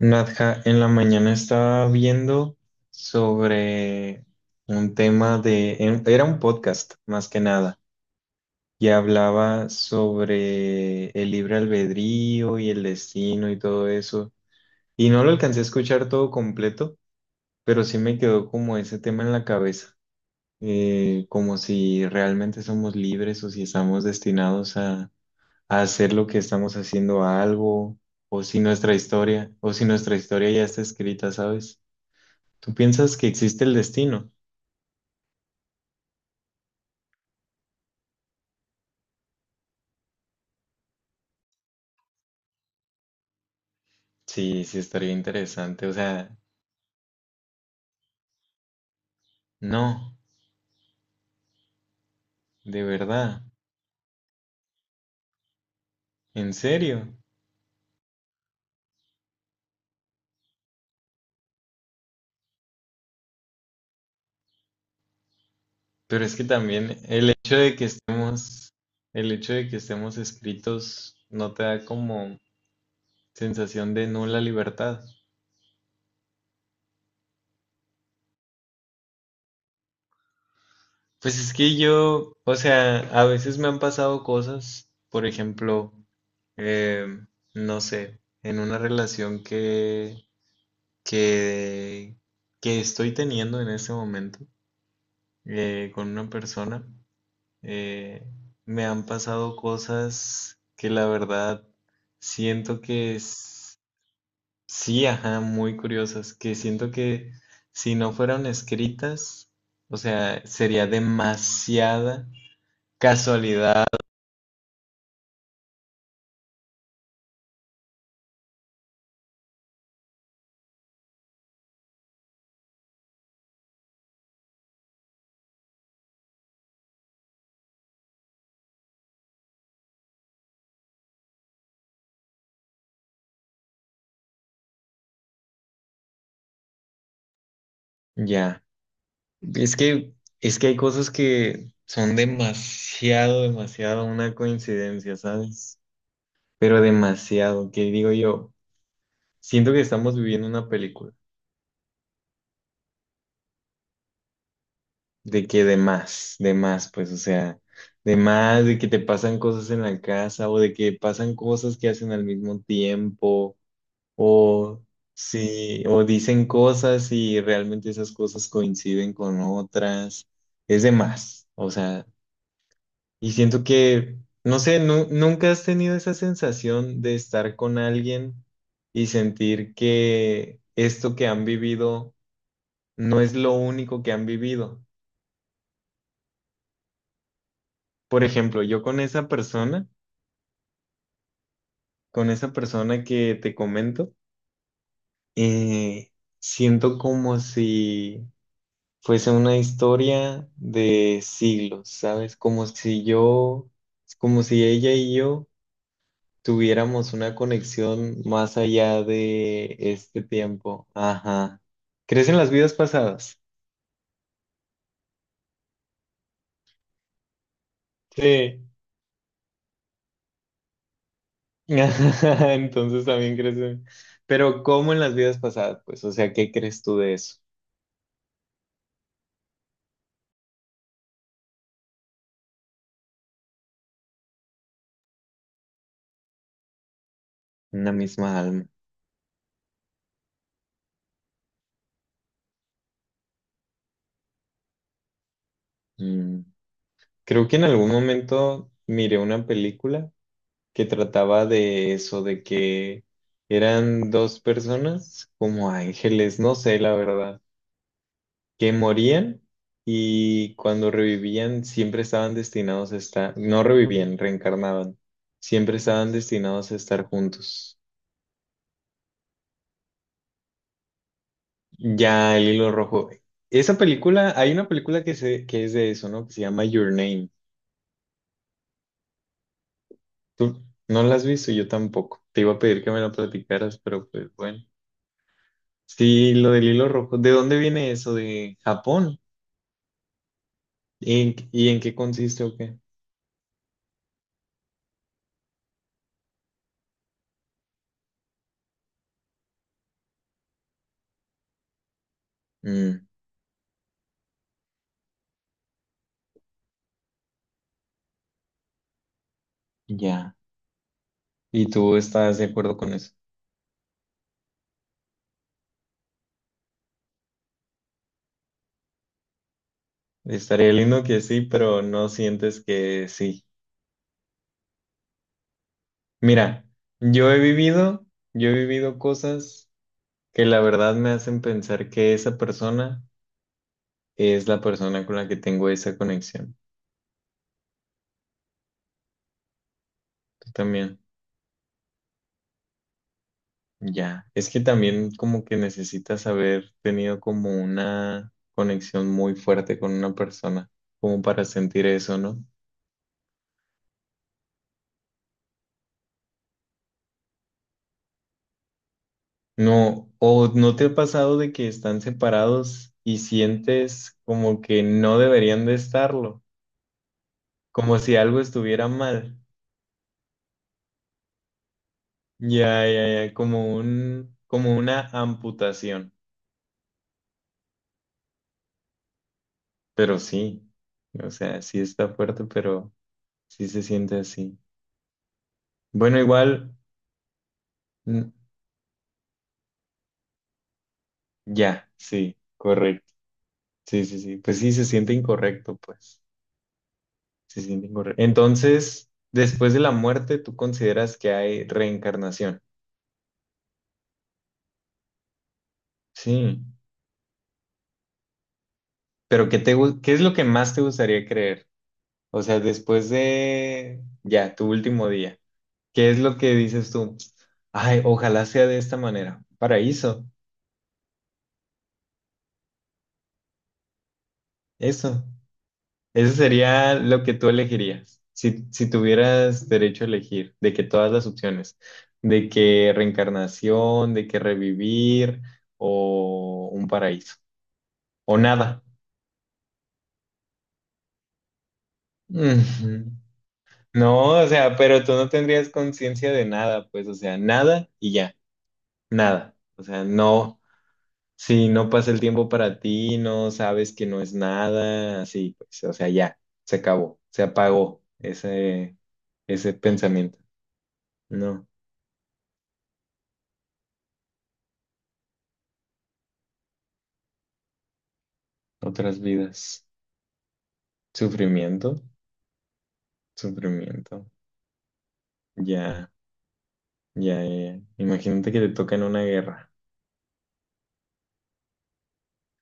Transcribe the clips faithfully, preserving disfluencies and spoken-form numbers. Nadja, en la mañana estaba viendo sobre un tema de, en- era un podcast más que nada, y hablaba sobre el libre albedrío y el destino y todo eso. Y no lo alcancé a escuchar todo completo, pero sí me quedó como ese tema en la cabeza, eh, como si realmente somos libres o si estamos destinados a, a hacer lo que estamos haciendo a algo, o si nuestra historia, o si nuestra historia ya está escrita, ¿sabes? ¿Tú piensas que existe el destino? Sí, sí, estaría interesante. O sea, no, de verdad, en serio. Pero es que también el hecho de que estemos, el hecho de que estemos escritos no te da como sensación de nula libertad. Pues es que yo, o sea, a veces me han pasado cosas, por ejemplo, eh, no sé, en una relación que, que, que estoy teniendo en este momento. eh, con una persona. eh, me han pasado cosas que la verdad siento que es- sí, ajá, muy curiosas, que siento que si no fueran escritas, o sea, sería demasiada casualidad. Ya, es que, es que hay cosas que son demasiado, demasiado una coincidencia, ¿sabes? Pero demasiado, que digo yo, siento que estamos viviendo una película. De que de más, de más, pues, o sea, de más, de que te pasan cosas en la casa o de que pasan cosas que hacen al mismo tiempo o sí, o dicen cosas y realmente esas cosas coinciden con otras, es de más, o sea, y siento que, no sé, nu- nunca has tenido esa sensación de estar con alguien y sentir que esto que han vivido no es lo único que han vivido. Por ejemplo, yo con esa persona, con esa persona que te comento, eh, siento como si fuese una historia de siglos, ¿sabes? Como si yo, como si ella y yo tuviéramos una conexión más allá de este tiempo. Ajá. ¿Crees en las vidas pasadas? Sí. Entonces también crees en... Pero ¿cómo en las vidas pasadas? Pues, o sea, ¿qué crees tú de eso? Una misma alma. Mm, creo que en algún momento miré una película que trataba de eso, de que eran dos personas como ángeles, no sé la verdad, que morían y cuando revivían siempre estaban destinados a estar, no revivían, reencarnaban, siempre estaban destinados a estar juntos. Ya el hilo rojo. Esa película, hay una película que, se, que es de eso, ¿no? Que se llama Your Name. Tú no la has visto, yo tampoco. Te iba a pedir que me lo platicaras, pero pues bueno. Sí, lo del hilo rojo. ¿De dónde viene eso? ¿De Japón? ¿Y en, y en qué consiste o qué? Mm, ya. ¿Y tú estás de acuerdo con eso? Estaría lindo que sí, pero no sientes que sí. Mira, yo he vivido, yo he vivido cosas que la verdad me hacen pensar que esa persona es la persona con la que tengo esa conexión. Tú también. Ya, es que también como que necesitas haber tenido como una conexión muy fuerte con una persona, como para sentir eso, ¿no? No, o no te ha pasado de que están separados y sientes como que no deberían de estarlo, como si algo estuviera mal. Ya, ya, ya, como un, como una amputación. Pero sí, o sea, sí está fuerte, pero sí se siente así. Bueno, igual, mm, ya, sí, correcto. Sí, sí, sí. Pues sí, se siente incorrecto, pues. Se siente incorrecto. Entonces, después de la muerte, tú consideras que hay reencarnación. Sí. Pero ¿qué te, gu- qué es lo que más te gustaría creer? O sea, después de ya, tu último día, ¿qué es lo que dices tú? Ay, ojalá sea de esta manera. Paraíso, eso. Eso sería lo que tú elegirías, si, si tuvieras derecho a elegir, de que todas las opciones, de que reencarnación, de que revivir o un paraíso, o nada. Ujú. No, o sea, pero tú no tendrías conciencia de nada, pues, o sea, nada y ya, nada. O sea, no, si no pasa el tiempo para ti, no sabes que no es nada, así, pues, o sea, ya, se acabó, se apagó ese, ese pensamiento. No. Otras vidas. Sufrimiento, sufrimiento. Ya, ya, ya. Imagínate que te toca en una guerra.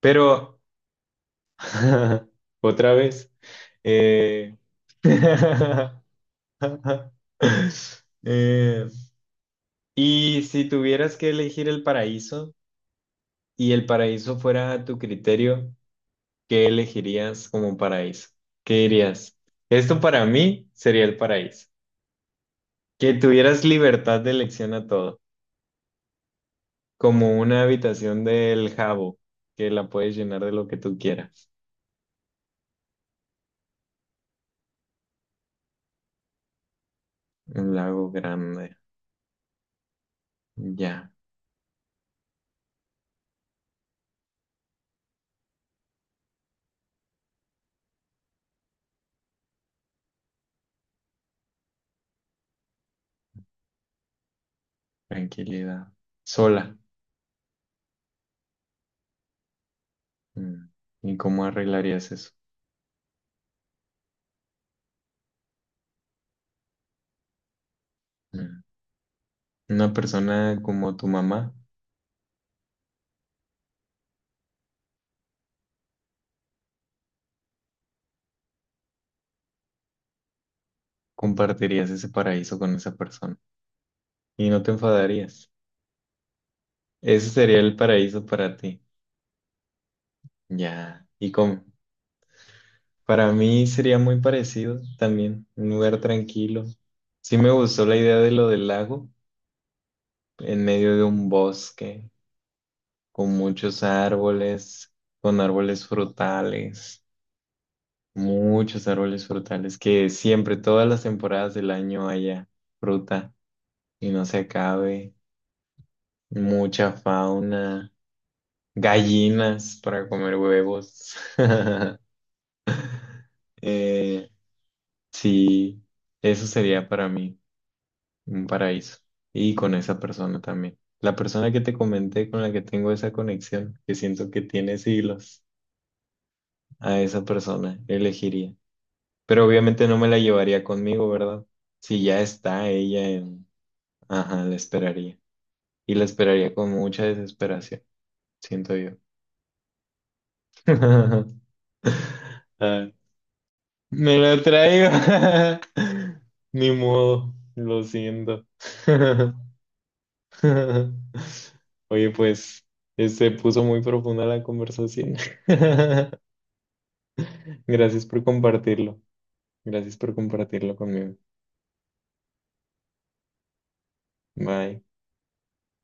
Pero, otra vez, eh, eh, y si tuvieras que elegir el paraíso y el paraíso fuera a tu criterio, ¿qué elegirías como paraíso? ¿Qué dirías? Esto para mí sería el paraíso. Que tuvieras libertad de elección a todo. Como una habitación del Jabo, que la puedes llenar de lo que tú quieras. Un lago grande. Ya, tranquilidad. Sola. Mm. ¿Y cómo arreglarías eso? Mm. Una persona como tu mamá, compartirías ese paraíso con esa persona y no te enfadarías. Ese sería el paraíso para ti. Ya. ¿Y cómo? Para mí sería muy parecido también, un lugar tranquilo. Sí me gustó la idea de lo del lago en medio de un bosque con muchos árboles, con árboles frutales, muchos árboles frutales, que siempre, todas las temporadas del año haya fruta y no se acabe, mucha fauna, gallinas para comer huevos. Eh, sí, eso sería para mí un paraíso y con esa persona también. La persona que te comenté con la que tengo esa conexión, que siento que tiene siglos, a esa persona elegiría. Pero obviamente no me la llevaría conmigo, ¿verdad? Si ya está ella en... Ajá, la esperaría. Y la esperaría con mucha desesperación, siento yo. Ah, me lo traigo. Ni modo, lo siento. Oye, pues, eh, se puso muy profunda la conversación. Gracias por compartirlo. Gracias por compartirlo conmigo. Bye.